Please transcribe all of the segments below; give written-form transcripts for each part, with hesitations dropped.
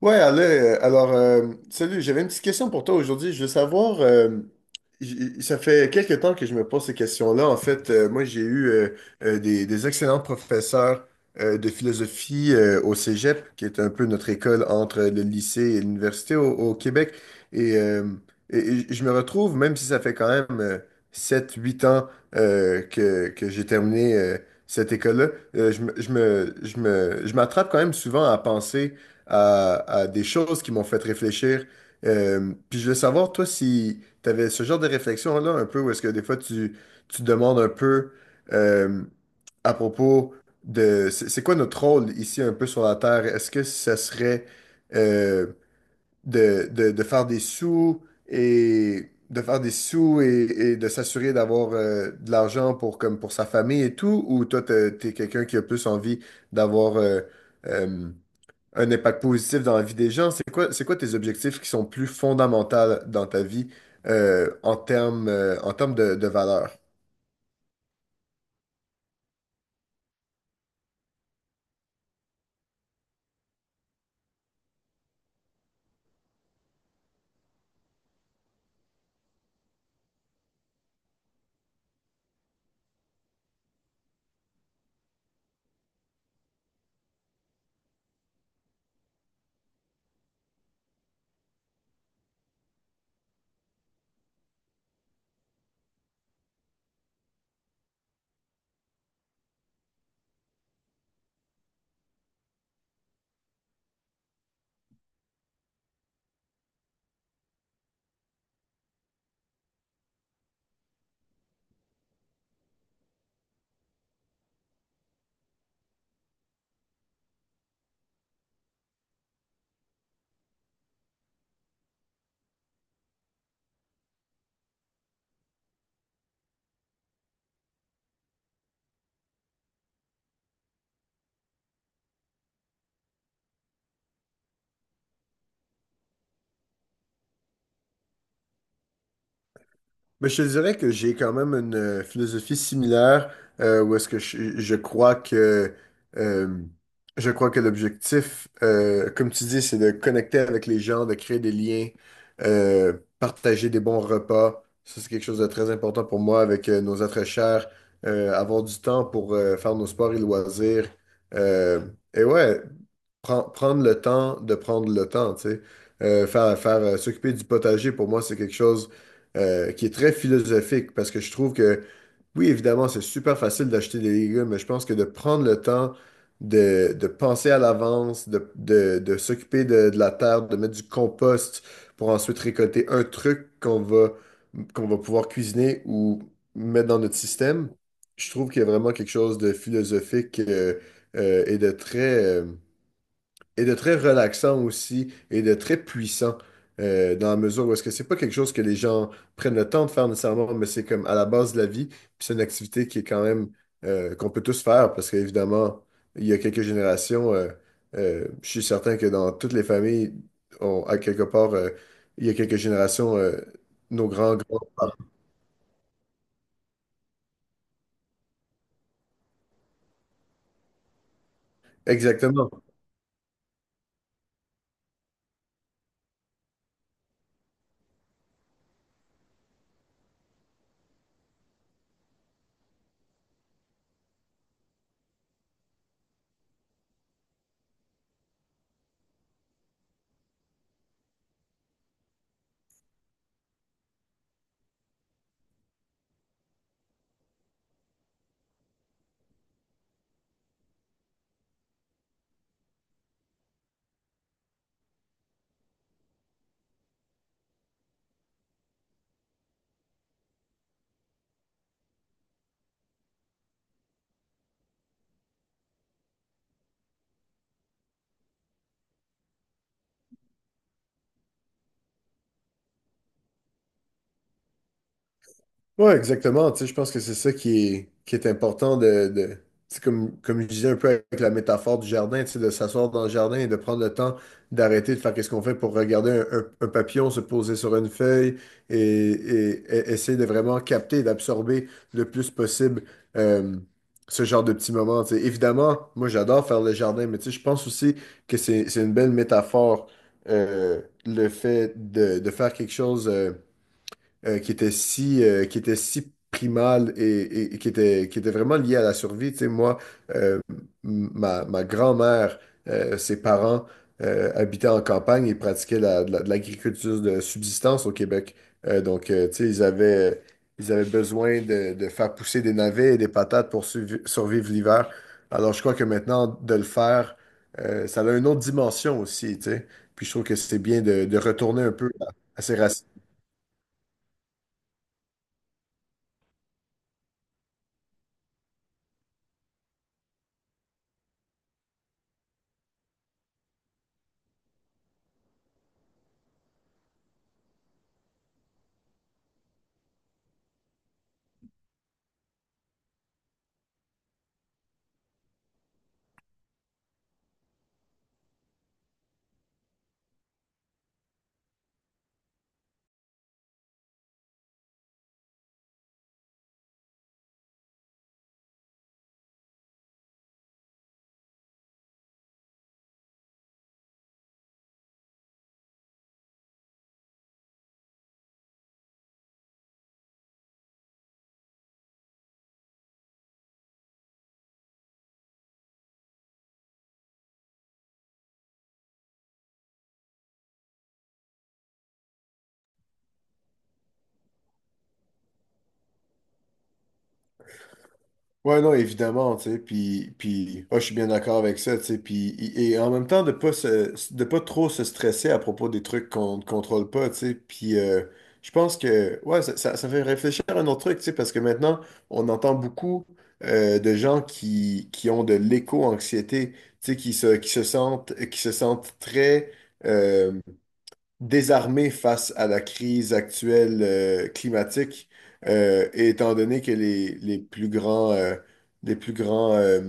Salut, j'avais une petite question pour toi aujourd'hui. Je veux savoir, ça fait quelques temps que je me pose ces questions-là. En fait, moi, j'ai eu des excellents professeurs de philosophie au Cégep, qui est un peu notre école entre le lycée et l'université au Québec. Et, euh, et- et je me retrouve, même si ça fait quand même 7-8 ans que j'ai terminé cette école-là, je m'attrape quand même souvent à penser à, à des choses qui m'ont fait réfléchir. Puis je voulais savoir, toi, si tu avais ce genre de réflexion-là, un peu, où est-ce que des fois tu te demandes un peu euh, à propos de c'est quoi notre rôle ici un peu sur la Terre? Est-ce que ça serait euh, de faire des sous et de faire des sous et de s'assurer d'avoir de l'argent pour comme pour sa famille et tout, ou toi t'es quelqu'un qui a plus envie d'avoir euh, un impact positif dans la vie des gens, c'est quoi tes objectifs qui sont plus fondamentaux dans ta vie en termes de valeur? Mais je te dirais que j'ai quand même une philosophie similaire où est-ce que je crois que euh, l'objectif, comme tu dis, c'est de connecter avec les gens, de créer des liens, euh, partager des bons repas. Ça, c'est quelque chose de très important pour moi avec nos êtres chers, avoir du temps pour faire nos sports et loisirs. Euh, et ouais, Prendre le temps de prendre le temps, tu sais. Faire faire S'occuper du potager, pour moi, c'est quelque chose qui est très philosophique parce que je trouve que, oui, évidemment, c'est super facile d'acheter des légumes, mais je pense que de prendre le temps de penser à l'avance, de s'occuper de la terre, de mettre du compost pour ensuite récolter un truc qu'on va pouvoir cuisiner ou mettre dans notre système, je trouve qu'il y a vraiment quelque chose de philosophique euh, et de très... euh, et de très relaxant aussi et de très puissant dans la mesure où est-ce que c'est pas quelque chose que les gens prennent le temps de faire nécessairement, mais c'est comme à la base de la vie, puis c'est une activité qui est quand même qu'on peut tous faire parce qu'évidemment, il y a quelques générations, je suis certain que dans toutes les familles, on, à quelque part, il y a quelques générations, nos grands, grands. Exactement. Ouais, exactement. Tu sais, je pense que c'est ça qui est important de tu sais, comme je disais un peu avec la métaphore du jardin, tu sais, de s'asseoir dans le jardin et de prendre le temps d'arrêter de faire qu'est-ce qu'on fait pour regarder un papillon se poser sur une feuille et essayer de vraiment capter et d'absorber le plus possible euh, ce genre de petits moments, tu sais. Évidemment, moi j'adore faire le jardin, mais tu sais, je pense aussi que c'est une belle métaphore euh, le fait de faire quelque chose qui était si primale et qui était vraiment liée à la survie. Tu sais, moi, euh, ma grand-mère, ses parents habitaient en campagne et pratiquaient de l'agriculture de subsistance au Québec. Donc, tu sais, ils avaient besoin de faire pousser des navets et des patates pour survivre l'hiver. Alors, je crois que maintenant, de le faire, ça a une autre dimension aussi, tu sais. Puis je trouve que c'est bien de retourner un peu à ses racines. Ouais, non, évidemment, tu sais, je suis bien d'accord avec ça, tu sais, puis, et en même temps, de pas trop se stresser à propos des trucs qu'on ne contrôle pas, tu sais, puis je pense que, ouais, ça fait réfléchir à un autre truc, tu sais, parce que maintenant, on entend beaucoup de gens qui ont de l'éco-anxiété, tu sais, qui se sentent très euh, désarmé face à la crise actuelle climatique, et étant donné que les plus grands euh,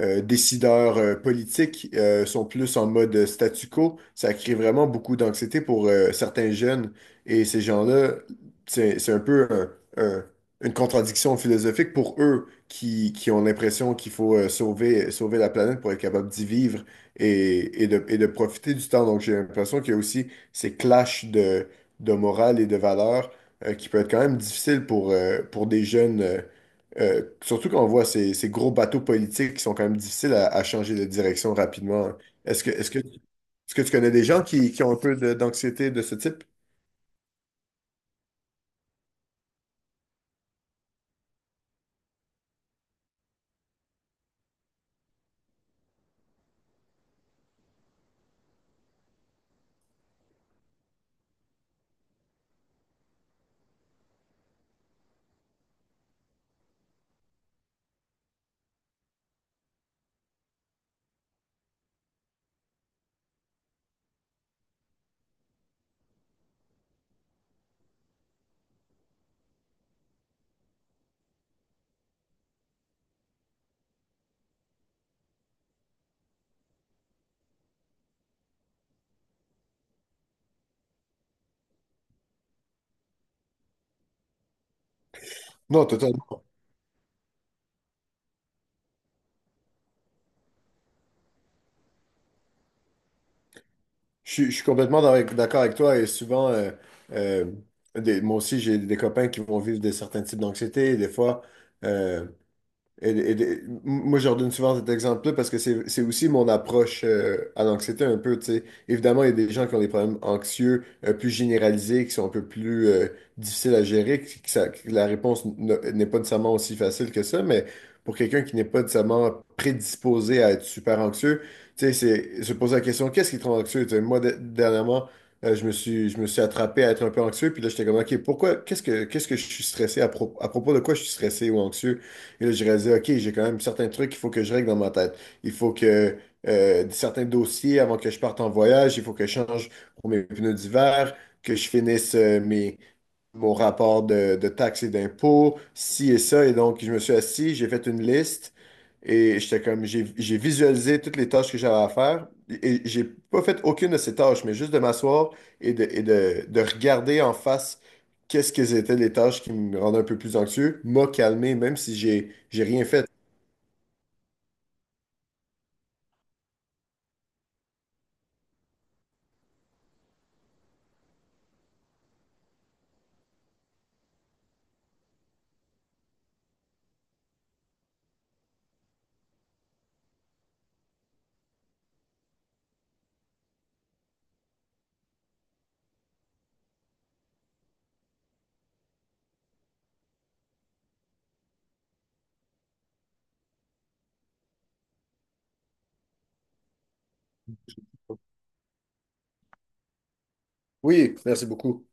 euh, décideurs politiques sont plus en mode statu quo. Ça crée vraiment beaucoup d'anxiété pour certains jeunes. Et ces gens-là, c'est un peu un- une contradiction philosophique pour eux qui ont l'impression qu'il faut sauver la planète pour être capable d'y vivre et de profiter du temps. Donc j'ai l'impression qu'il y a aussi ces clashs de morale et de valeurs qui peut être quand même difficile pour des jeunes. Surtout quand on voit ces gros bateaux politiques qui sont quand même difficiles à changer de direction rapidement. Est-ce que tu connais des gens qui ont un peu d'anxiété de ce type? Non, totalement. Je suis complètement d'accord avec toi et souvent, euh, moi aussi, j'ai des copains qui vont vivre de certains types d'anxiété. Des fois, moi, je redonne souvent cet exemple-là parce que c'est aussi mon approche à l'anxiété un peu, tu sais. Évidemment, il y a des gens qui ont des problèmes anxieux plus généralisés, qui sont un peu plus difficiles à gérer, que la réponse n'est pas nécessairement aussi facile que ça, mais pour quelqu'un qui n'est pas nécessairement prédisposé à être super anxieux, tu sais, c'est se poser la question, qu'est-ce qui te rend anxieux? Tu sais, moi, dernièrement, je me suis attrapé à être un peu anxieux, puis là, j'étais comme, OK, pourquoi, qu'est-ce que je suis stressé, à propos de quoi je suis stressé ou anxieux? Et là, j'ai réalisé, OK, j'ai quand même certains trucs qu'il faut que je règle dans ma tête. Il faut que certains dossiers avant que je parte en voyage, il faut que je change pour mes pneus d'hiver, que je finisse mon rapport de taxes et d'impôts, ci et ça. Et donc, je me suis assis, j'ai fait une liste et j'étais comme, j'ai visualisé toutes les tâches que j'avais à faire. Et j'ai pas fait aucune de ces tâches, mais juste de m'asseoir et de regarder en face qu'est-ce que étaient les tâches qui me rendaient un peu plus anxieux, m'a calmé, même si j'ai rien fait. Oui, merci beaucoup.